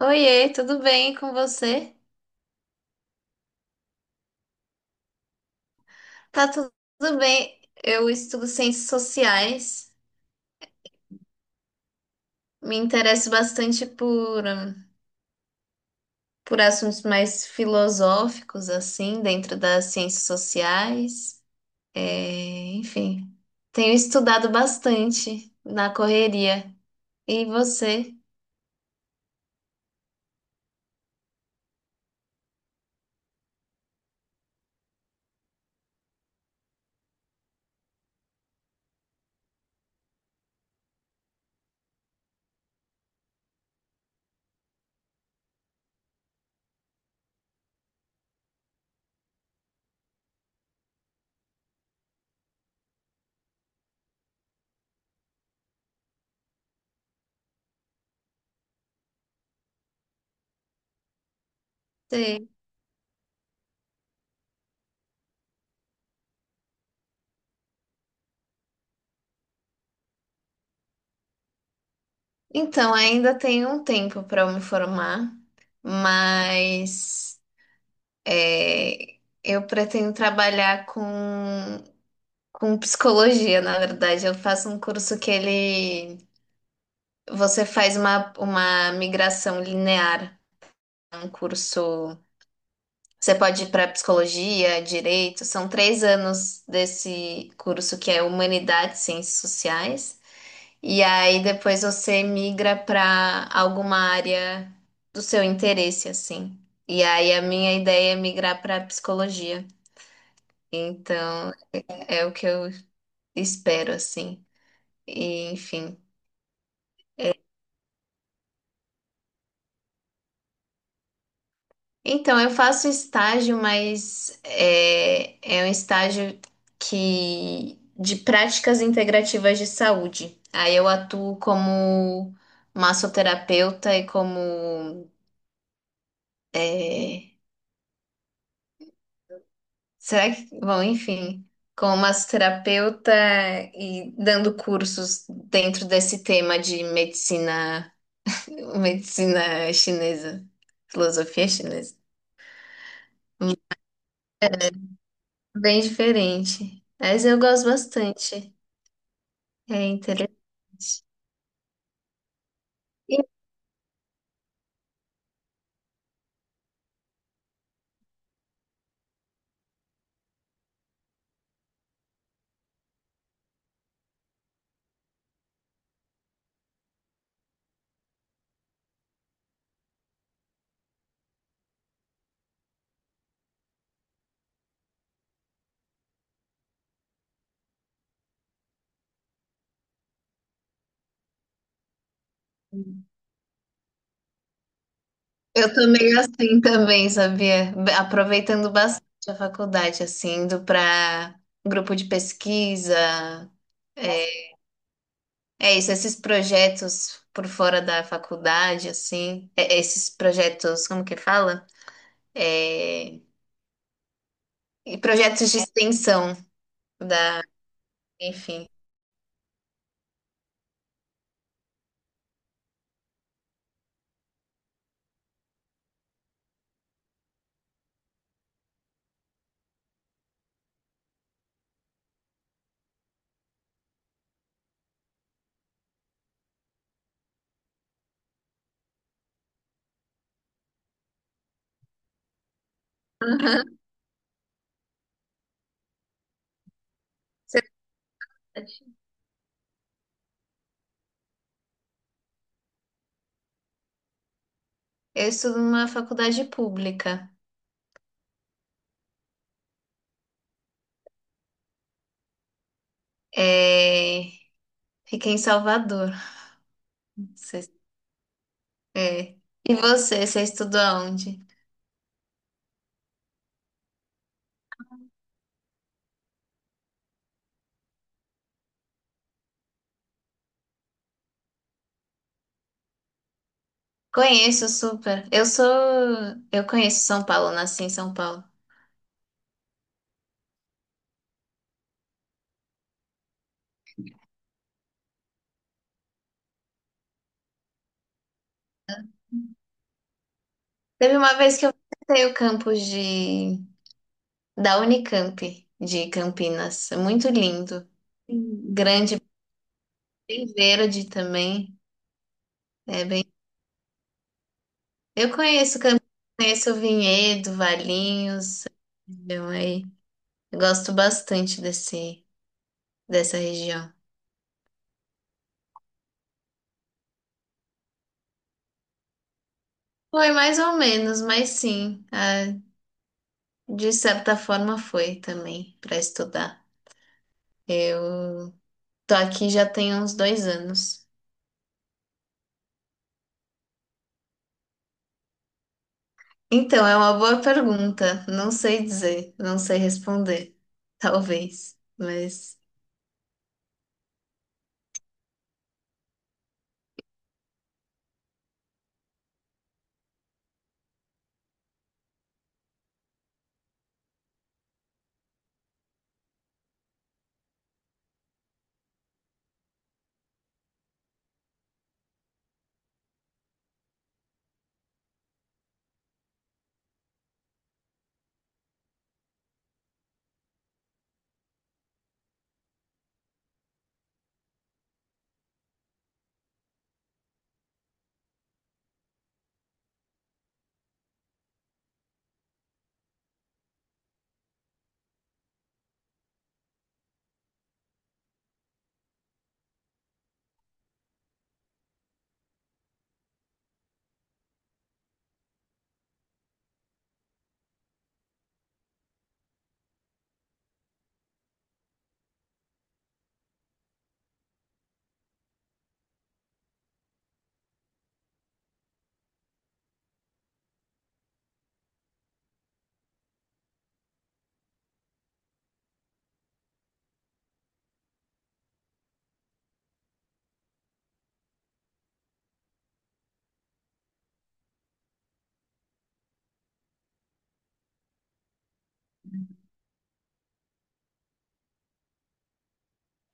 Oiê, tudo bem com você? Tá tudo bem. Eu estudo ciências sociais, me interesso bastante por assuntos mais filosóficos, assim, dentro das ciências sociais. É, enfim, tenho estudado bastante na correria. E você? Você- Então, ainda tenho um tempo para eu me formar, mas é, eu pretendo trabalhar com psicologia, na verdade. Eu faço um curso que ele. Você faz uma migração linear. É um curso. Você pode ir para psicologia, direito. São três anos desse curso que é Humanidades, Ciências Sociais. E aí depois você migra para alguma área do seu interesse, assim. E aí a minha ideia é migrar para psicologia. Então é o que eu espero, assim. E, enfim. Então, eu faço estágio, mas é, é um estágio que de práticas integrativas de saúde. Aí eu atuo como massoterapeuta e como é, será que, bom, enfim, como massoterapeuta e dando cursos dentro desse tema de medicina, medicina chinesa, filosofia chinesa. Bem diferente, mas eu gosto bastante. É interessante. E eu tô meio assim também, sabia? Aproveitando bastante a faculdade, assim, indo para grupo de pesquisa, é é isso, esses projetos por fora da faculdade, assim, esses projetos, como que fala? É, e projetos de extensão da, enfim. Aham. Eu estudo numa faculdade pública, é, fica em Salvador. É. E você, você estudou onde? Conheço super. Eu sou. Eu conheço São Paulo, nasci em São Paulo. Teve uma vez que eu visitei o campus de... da Unicamp, de Campinas. É muito lindo. Sim. Grande, bem verde também. É bem... Eu conheço Campinas, conheço Vinhedo, Valinhos. Então aí. Eu gosto bastante desse... dessa região. Foi mais ou menos, mas sim. De certa forma foi também para estudar. Eu tô aqui já tem uns dois anos. Então, é uma boa pergunta. Não sei dizer, não sei responder. Talvez, mas.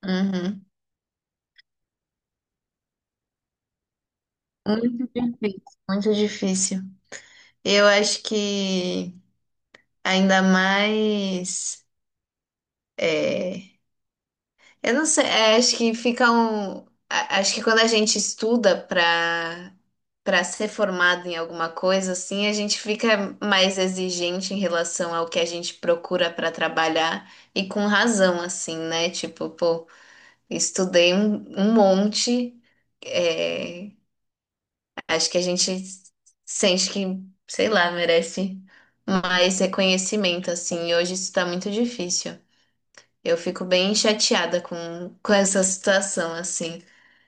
Uhum. Muito difícil, muito difícil. Eu acho que ainda mais. é, Eu não sei, é, acho que fica um. Acho que quando a gente estuda para ser formado em alguma coisa assim, a gente fica mais exigente em relação ao que a gente procura para trabalhar e com razão assim, né? Tipo, pô, estudei um monte, é, acho que a gente sente que, sei lá, merece mais reconhecimento assim. E hoje isso tá muito difícil. Eu fico bem chateada com essa situação assim.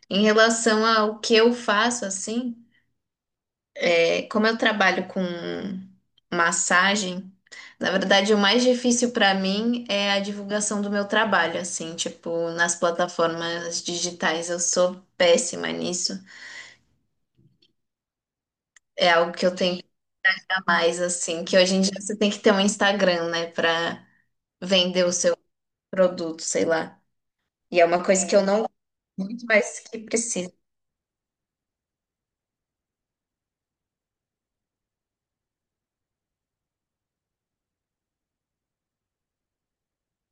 Em relação ao que eu faço assim, é, como eu trabalho com massagem, na verdade o mais difícil para mim é a divulgação do meu trabalho, assim, tipo, nas plataformas digitais eu sou péssima nisso. É algo que eu tenho que dar mais, assim, que hoje em dia você tem que ter um Instagram, né, para vender o seu produto, sei lá. E é uma coisa que eu não gosto muito, mas que preciso.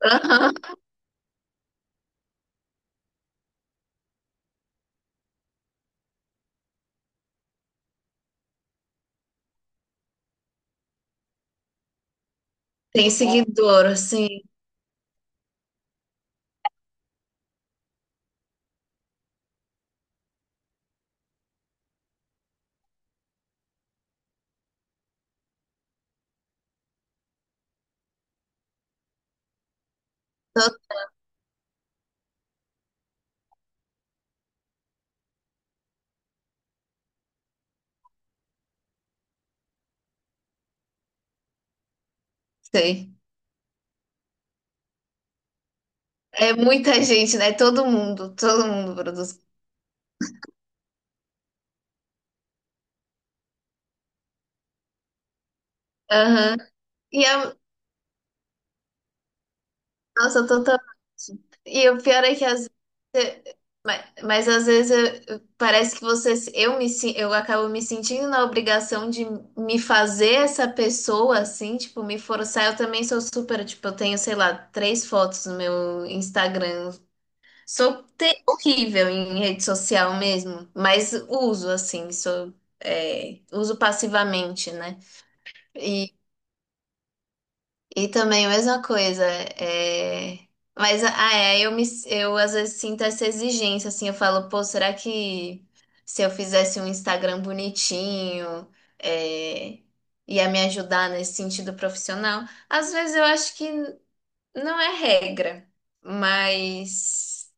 Aham. Tem seguidor, assim, eu sei. É muita gente, né? Todo mundo produz. Aham. E a nossa, totalmente. E o pior é que às vezes, mas às vezes parece que você, eu me, eu acabo me sentindo na obrigação de me fazer essa pessoa assim, tipo, me forçar. Eu também sou super, tipo, eu tenho, sei lá, três fotos no meu Instagram. Horrível em rede social mesmo, mas uso assim, sou, é, uso passivamente, né? E também a mesma coisa, é... mas ah, é, eu me, eu às vezes sinto essa exigência, assim, eu falo, pô, será que se eu fizesse um Instagram bonitinho, é... ia me ajudar nesse sentido profissional? Às vezes eu acho que não é regra, mas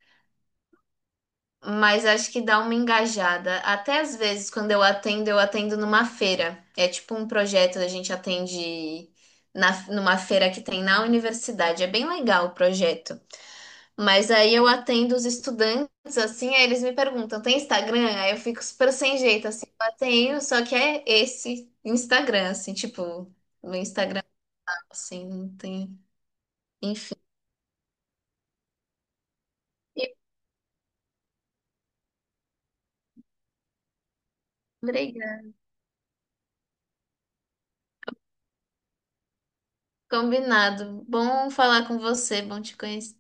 mas acho que dá uma engajada. Até às vezes, quando eu atendo numa feira. É tipo um projeto, a gente atende numa feira que tem na universidade. É bem legal o projeto. Mas aí eu atendo os estudantes, assim, aí eles me perguntam, tem Instagram? Aí eu fico super sem jeito, assim, eu tenho, só que é esse Instagram, assim, tipo, no Instagram, assim, não tem. Enfim. E- Obrigada. Combinado. Bom falar com você, bom te conhecer.